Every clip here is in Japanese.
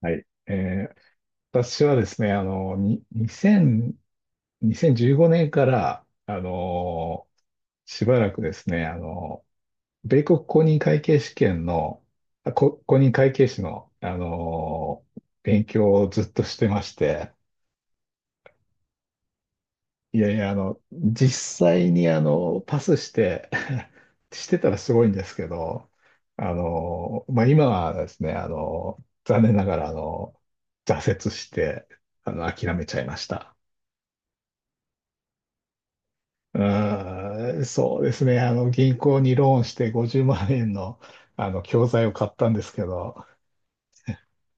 はい。私はですね、あの、に、2000、2015年から、しばらくですね、米国公認会計試験の、公認会計士の、勉強をずっとしてまして、いやいや、実際にパスして してたらすごいんですけど、まあ、今はですね、残念ながら、挫折して、諦めちゃいました。うーん、そうですね、銀行にローンして50万円の、教材を買ったんですけど、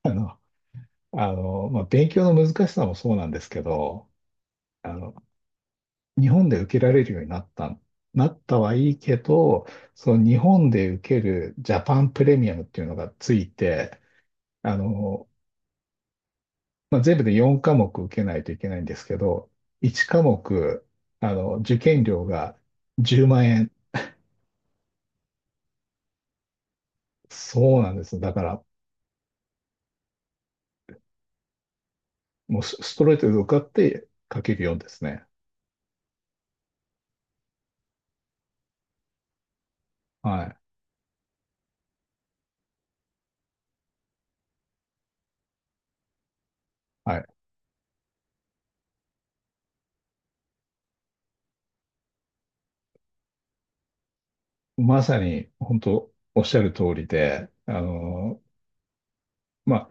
あの、まあ、勉強の難しさもそうなんですけど、あの、日本で受けられるようになったはいいけど、その日本で受けるジャパンプレミアムっていうのがついて、あの、まあ、全部で4科目受けないといけないんですけど、1科目、受験料が10万円。そうなんです。だから、もうスストレートで受かってかけるようですね。はい。はい。まさに、本当おっしゃる通りで、まあ、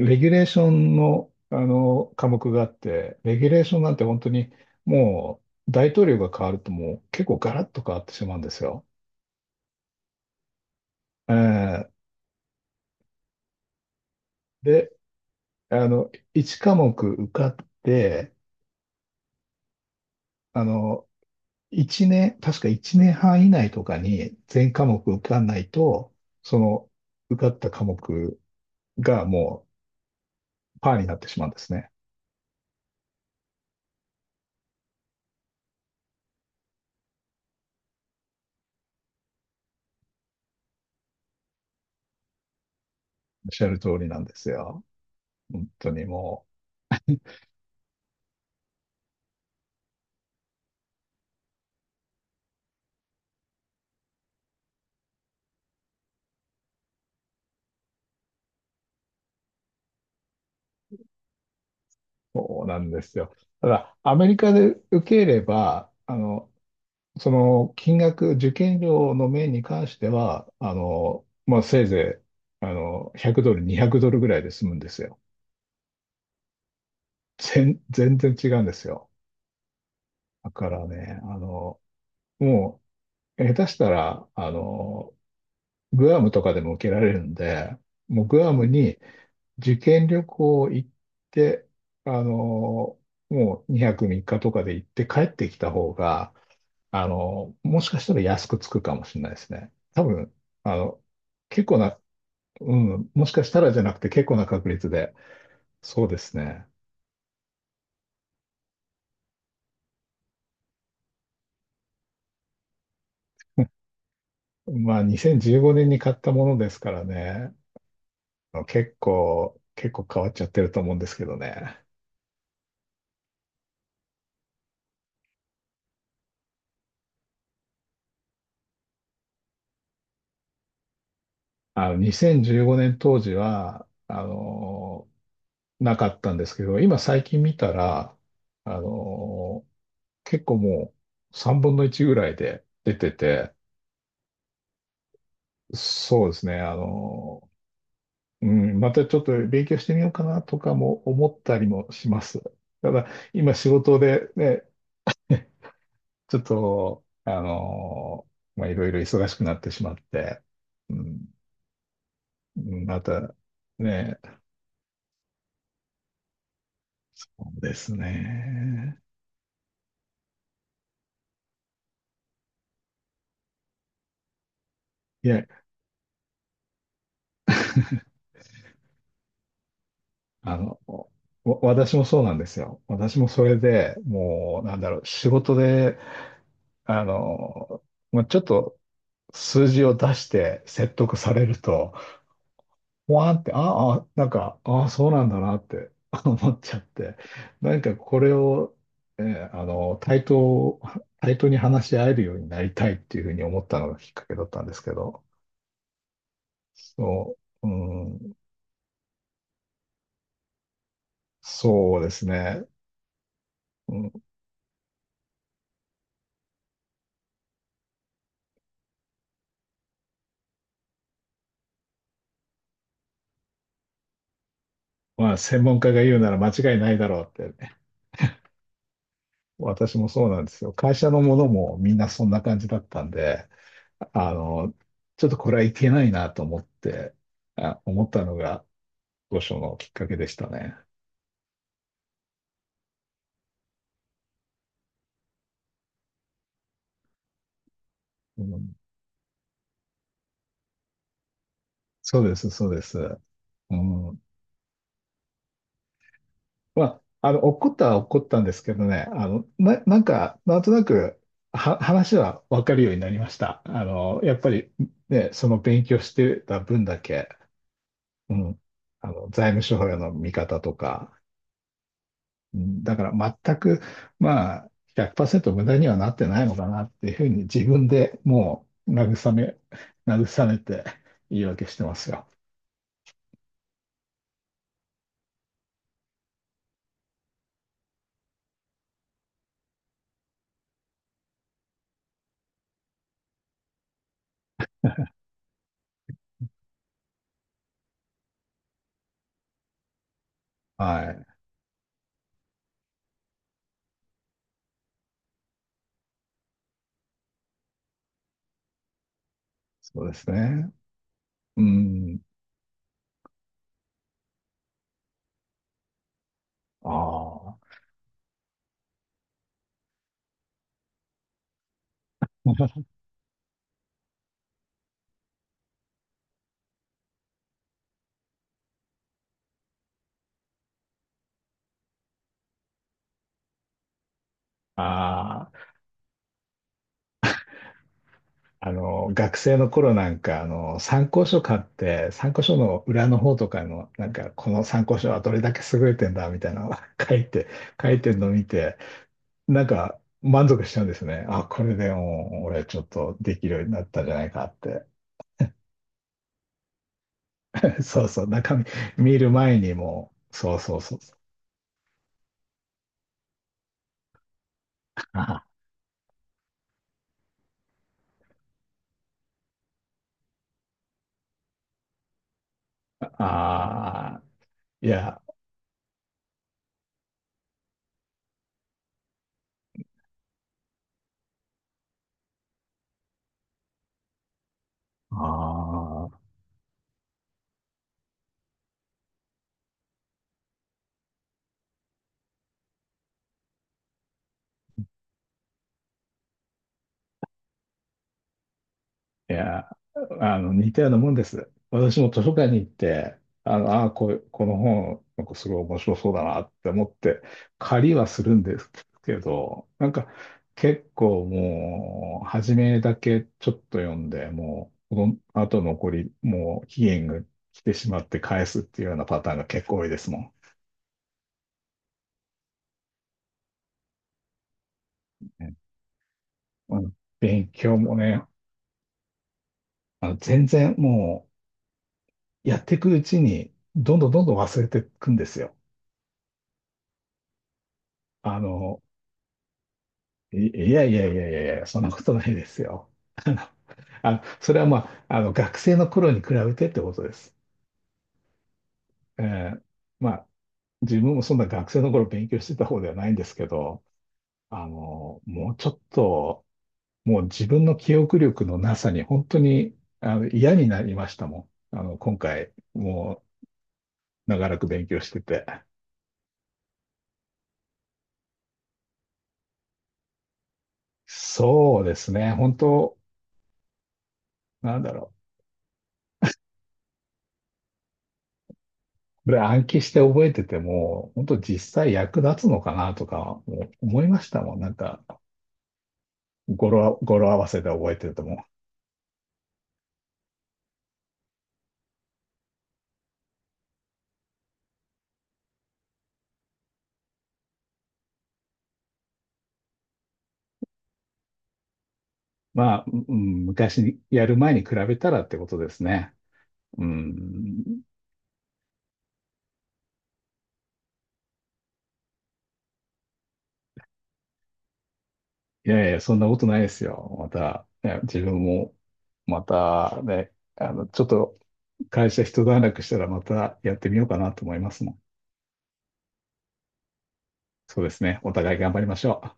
レギュレーションの、あの科目があって、レギュレーションなんて本当にもう大統領が変わるともう結構ガラッと変わってしまうんですよ。えーで、1科目受かって、あの、1年、確か1年半以内とかに全科目受かんないと、その受かった科目がもうパーになってしまうんですね。おっしゃる通りなんですよ。本当にもう。そうなんですよ。ただ、アメリカで受ければ、その金額、受験料の面に関しては、まあ、せいぜい、100ドル、200ドルぐらいで済むんですよ。全然違うんですよ。だからね、もう、下手したら、グアムとかでも受けられるんで、もうグアムに受験旅行行って、あの、もう2泊3日とかで行って帰ってきた方が、もしかしたら安くつくかもしれないですね。多分、あの、結構な、うん、もしかしたらじゃなくて結構な確率で、そうですね。まあ、2015年に買ったものですからね、結構変わっちゃってると思うんですけどね。2015年当時は、なかったんですけど、今最近見たら、あの、結構もう3分の1ぐらいで出てて、そうですね、うん、またちょっと勉強してみようかなとかも思ったりもします。ただ、今仕事でね、ちょっと、まあ、いろいろ忙しくなってしまって、うん、うんまた、ね、そうですね。いや、あの、私もそうなんですよ。私もそれでもう、なんだろう、仕事で、あの、まあ、ちょっと数字を出して説得されると、わーんって、ああ、なんか、ああ、そうなんだなって 思っちゃって、なんかこれを、えーあの、対等、対等に話し合えるようになりたいっていうふうに思ったのがきっかけだったんですけど、そう、うん、そうですね。うん、まあ、専門家が言うなら間違いないだろうってね、私もそうなんですよ。会社のものもみんなそんな感じだったんで、あの、ちょっとこれはいけないなと思って、思ったのが、当初のきっかけでしたね。うんそうです、そうです。うん。まあ、怒ったは怒ったんですけどね、なんか、なんとなく、話は分かるようになりました。やっぱり、ね、その勉強してた分だけ、うん、財務諸表の見方とか、うん、だから全く、まあ、100%無駄にはなってないのかなっていうふうに自分でもう慰めて言い訳してますよ。はい。そうですね。うん。ああ。ああ、学生の頃なんか、参考書買って、参考書の裏の方とかの、なんか、この参考書はどれだけ優れてんだ、みたいなのを 書いて、書いてるのを見て、なんか、満足しちゃうんですね。あ、これでもう、俺ちょっとできるようになったんじゃないかって。そうそう、中身見る前にもそうそうそうそう。ああ、いや、ああ。いや、似たようなもんです。私も図書館に行って、この本、なんかすごい面白そうだなって思って、借りはするんですけど、なんか結構もう、初めだけちょっと読んで、もう、この後残り、もう期限が来てしまって返すっていうようなパターンが結構多いですもん。ね、うん、勉強もね、全然もう、やっていくうちに、どんどんどんどん忘れていくんですよ。あの、いやいやいやいやいや、そんなことないですよ。あの、それはまあ、学生の頃に比べてってことです。えーまあ、自分もそんな学生の頃勉強してた方ではないんですけど、もうちょっと、もう自分の記憶力のなさに本当に嫌になりましたもん。今回、もう長らく勉強してて。そうですね、本当、なんだろう。これ暗記して覚えてても、本当実際役立つのかなとかも思いましたもん。なんか語呂合わせで覚えてるとも。まあ、うん、昔にやる前に比べたらってことですね。うん。いやいや、そんなことないですよ。また、ね自分も、またね、ちょっと会社一段落したらまたやってみようかなと思いますもん。そうですね。お互い頑張りましょう。